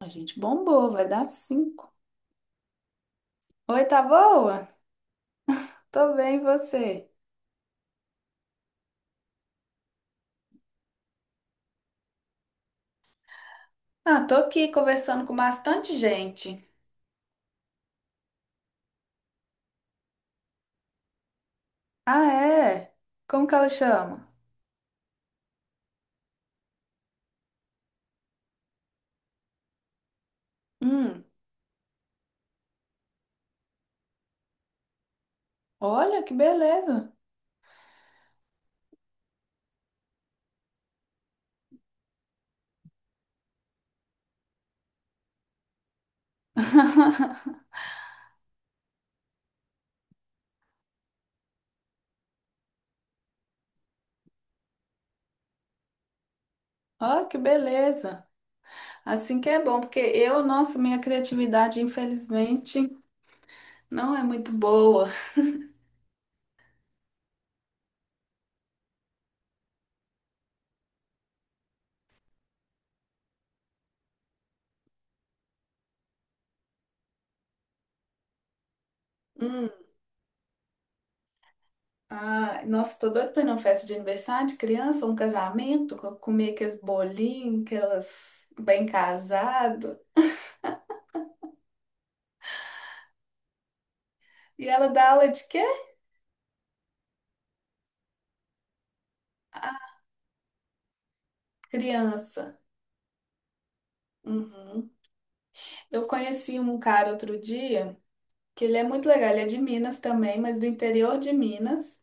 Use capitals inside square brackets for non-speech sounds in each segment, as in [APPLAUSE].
A gente bombou, vai dar cinco. Oi, tá boa? Tô bem, e você? Ah, tô aqui conversando com bastante gente. Ah, é? Como que ela chama? Hum, olha que beleza. [LAUGHS] Olha que beleza. Assim que é bom, porque eu, nossa, minha criatividade, infelizmente, não é muito boa. Hum, ah, nossa, tô doida pra ir numa festa de aniversário de criança, um casamento, comer aqueles bolinhos, aquelas bem casado. E ela dá aula de quê? Criança. Uhum. Eu conheci um cara outro dia, que ele é muito legal, ele é de Minas também, mas do interior de Minas.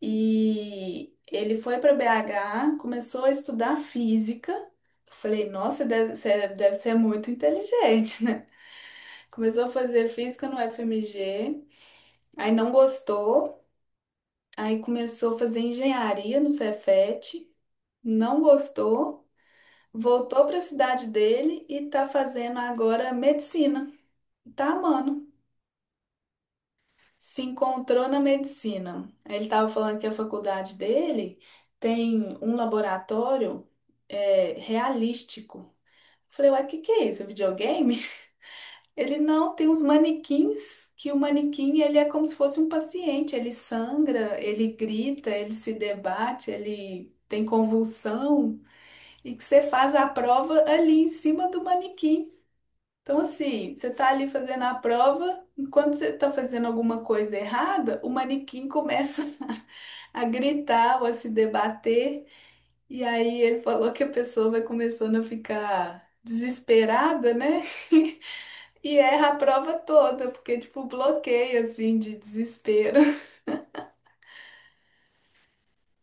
E ele foi para BH, começou a estudar física. Eu falei, nossa, deve, você deve ser muito inteligente, [LAUGHS] né? Começou a fazer física no FMG, aí não gostou, aí começou a fazer engenharia no Cefet, não gostou, voltou para a cidade dele e tá fazendo agora medicina. Tá, mano. Se encontrou na medicina. Aí ele tava falando que a faculdade dele tem um laboratório é, realístico. Falei, uai, o que que é isso? É videogame? [LAUGHS] Ele não, tem uns manequins, que o manequim ele é como se fosse um paciente. Ele sangra, ele grita, ele se debate, ele tem convulsão. E que você faz a prova ali em cima do manequim. Então, assim, você tá ali fazendo a prova, enquanto você tá fazendo alguma coisa errada, o manequim começa [LAUGHS] a gritar ou a se debater, e aí ele falou que a pessoa vai começando a ficar desesperada, né? [LAUGHS] E erra a prova toda, porque, tipo, bloqueio, assim, de desespero. [LAUGHS]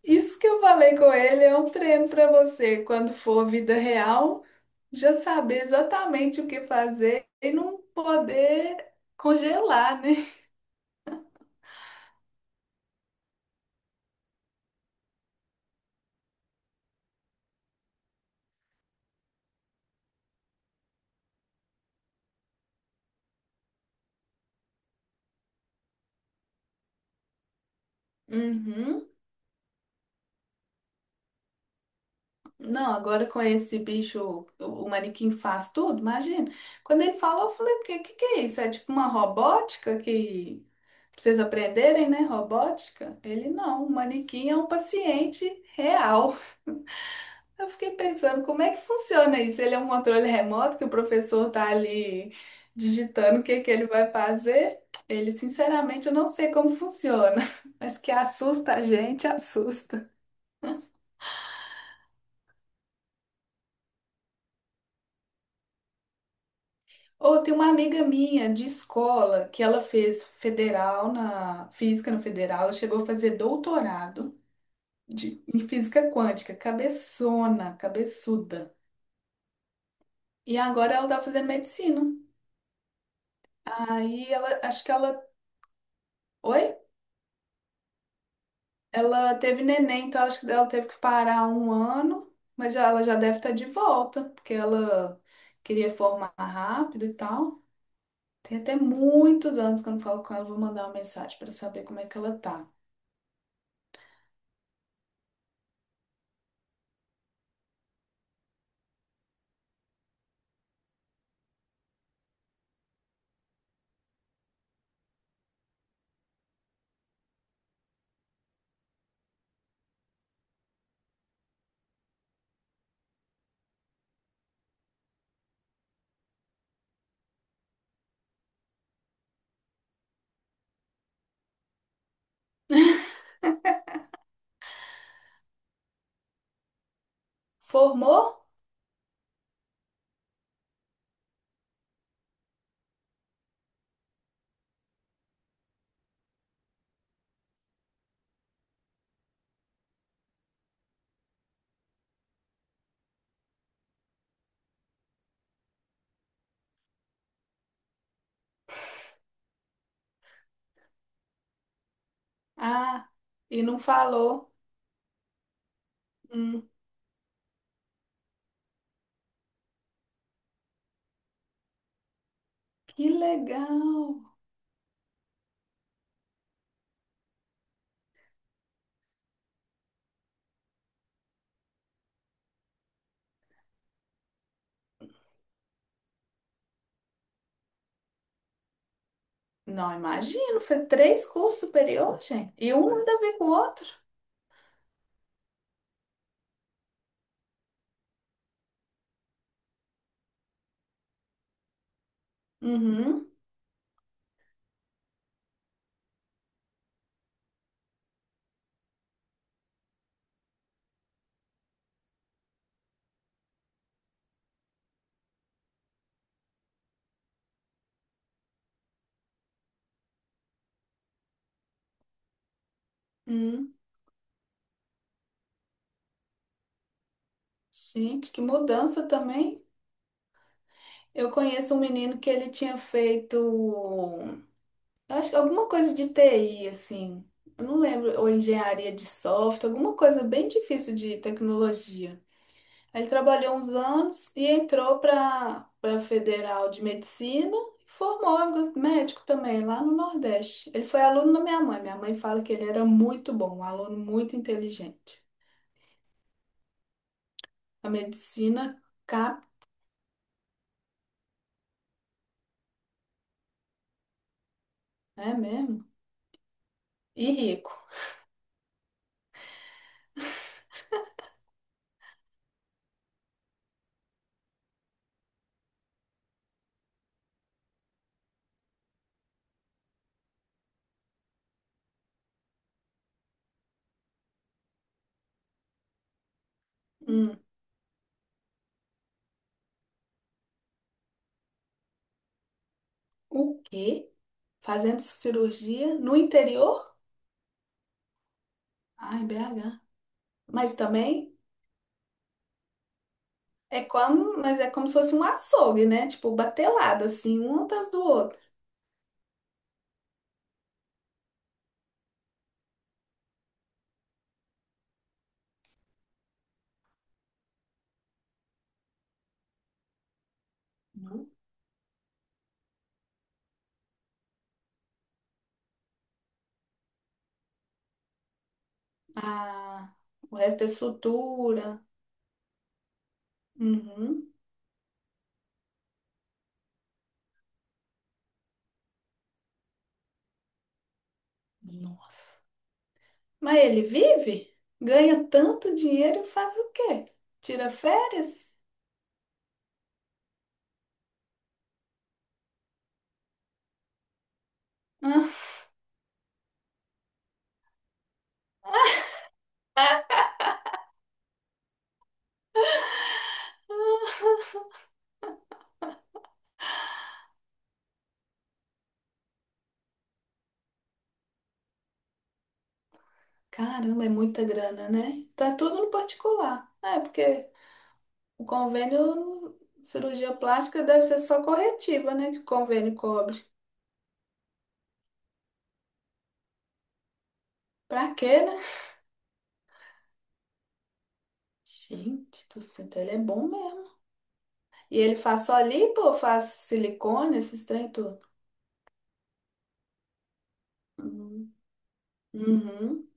Isso que eu falei com ele é um treino pra você, quando for vida real, já saber exatamente o que fazer e não poder congelar, né? Uhum. Não, agora com esse bicho, o manequim faz tudo, imagina. Quando ele falou, eu falei, o que, que é isso? É tipo uma robótica que pra vocês aprenderem, né? Robótica? Ele não, o manequim é um paciente real. [LAUGHS] Eu fiquei pensando, como é que funciona isso? Ele é um controle remoto que o professor tá ali digitando o que que ele vai fazer? Ele, sinceramente, eu não sei como funciona, [LAUGHS] mas que assusta a gente, assusta. Ou tem uma amiga minha de escola que ela fez federal na física no federal, ela chegou a fazer doutorado de, em física quântica, cabeçona, cabeçuda. E agora ela tá fazendo medicina. Aí ela, acho que ela, oi? Ela teve neném, então acho que ela teve que parar um ano, mas já, ela já deve estar de volta, porque ela queria formar rápido e tal. Tem até muitos anos que eu não falo com ela, vou mandar uma mensagem para saber como é que ela tá. [LAUGHS] Formou? Ah, e não falou. Hum, que legal. Não, imagino, foi três cursos superiores, gente. E um ainda a ver com o outro. Uhum, uhum. Gente, que mudança também. Eu conheço um menino que ele tinha feito, eu acho que alguma coisa de TI, assim. Eu não lembro, ou engenharia de software, alguma coisa bem difícil de tecnologia. Aí ele trabalhou uns anos e entrou para Federal de Medicina e formou agora médico também, lá no Nordeste. Ele foi aluno da minha mãe. Minha mãe fala que ele era muito bom, um aluno muito inteligente. A medicina cap, é mesmo? E rico. Hum, o quê? Fazendo cirurgia no interior? Ai, BH. Mas também é como, mas é como se fosse um açougue, né? Tipo, batelada, assim, um atrás do outro. Ah, o resto é sutura. Uhum. Nossa. Mas ele vive? Ganha tanto dinheiro e faz o quê? Tira férias? Ah, caramba, é muita grana, né? Tá tudo no particular. É, porque o convênio, cirurgia plástica deve ser só corretiva, né? Que o convênio cobre. Pra quê, né? Gente do céu, então ele é bom mesmo. E ele faz só lipo ou faz silicone, esses trem tudo? Uhum. Uhum.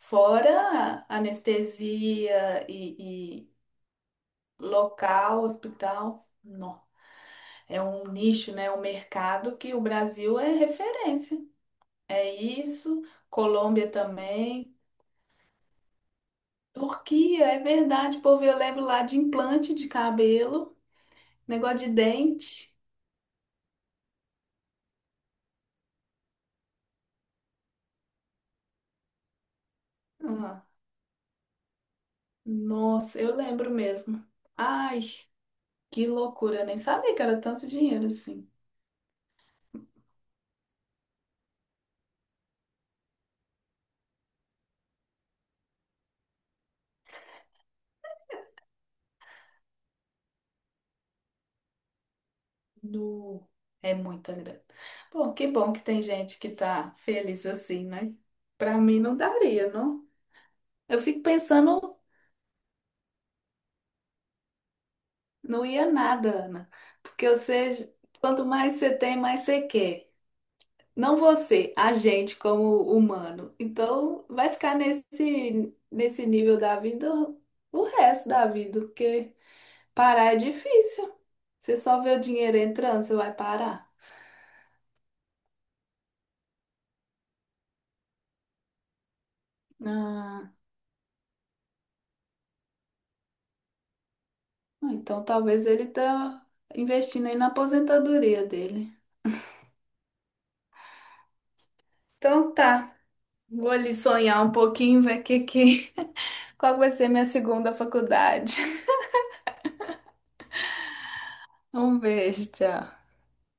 Fora anestesia e local, hospital, não. É um nicho, né? Um mercado que o Brasil é referência. É isso, Colômbia também. Turquia, é verdade, povo, eu levo lá de implante de cabelo, negócio de dente. Ah, nossa, eu lembro mesmo. Ai, que loucura, eu nem sabia que era tanto dinheiro assim. No... É muita grana. Bom que tem gente que tá feliz assim, né? Pra mim não daria, não. Eu fico pensando, não ia nada, Ana. Porque você, quanto mais você tem, mais você quer. Não você, a gente como humano. Então, vai ficar nesse nível da vida o resto da vida, porque parar é difícil. Você só vê o dinheiro entrando, você vai parar. Ah, então talvez ele tá investindo aí na aposentadoria dele. Então tá, vou ali sonhar um pouquinho, ver que... [LAUGHS] qual vai ser minha segunda faculdade. [LAUGHS] Um beijo, tchau.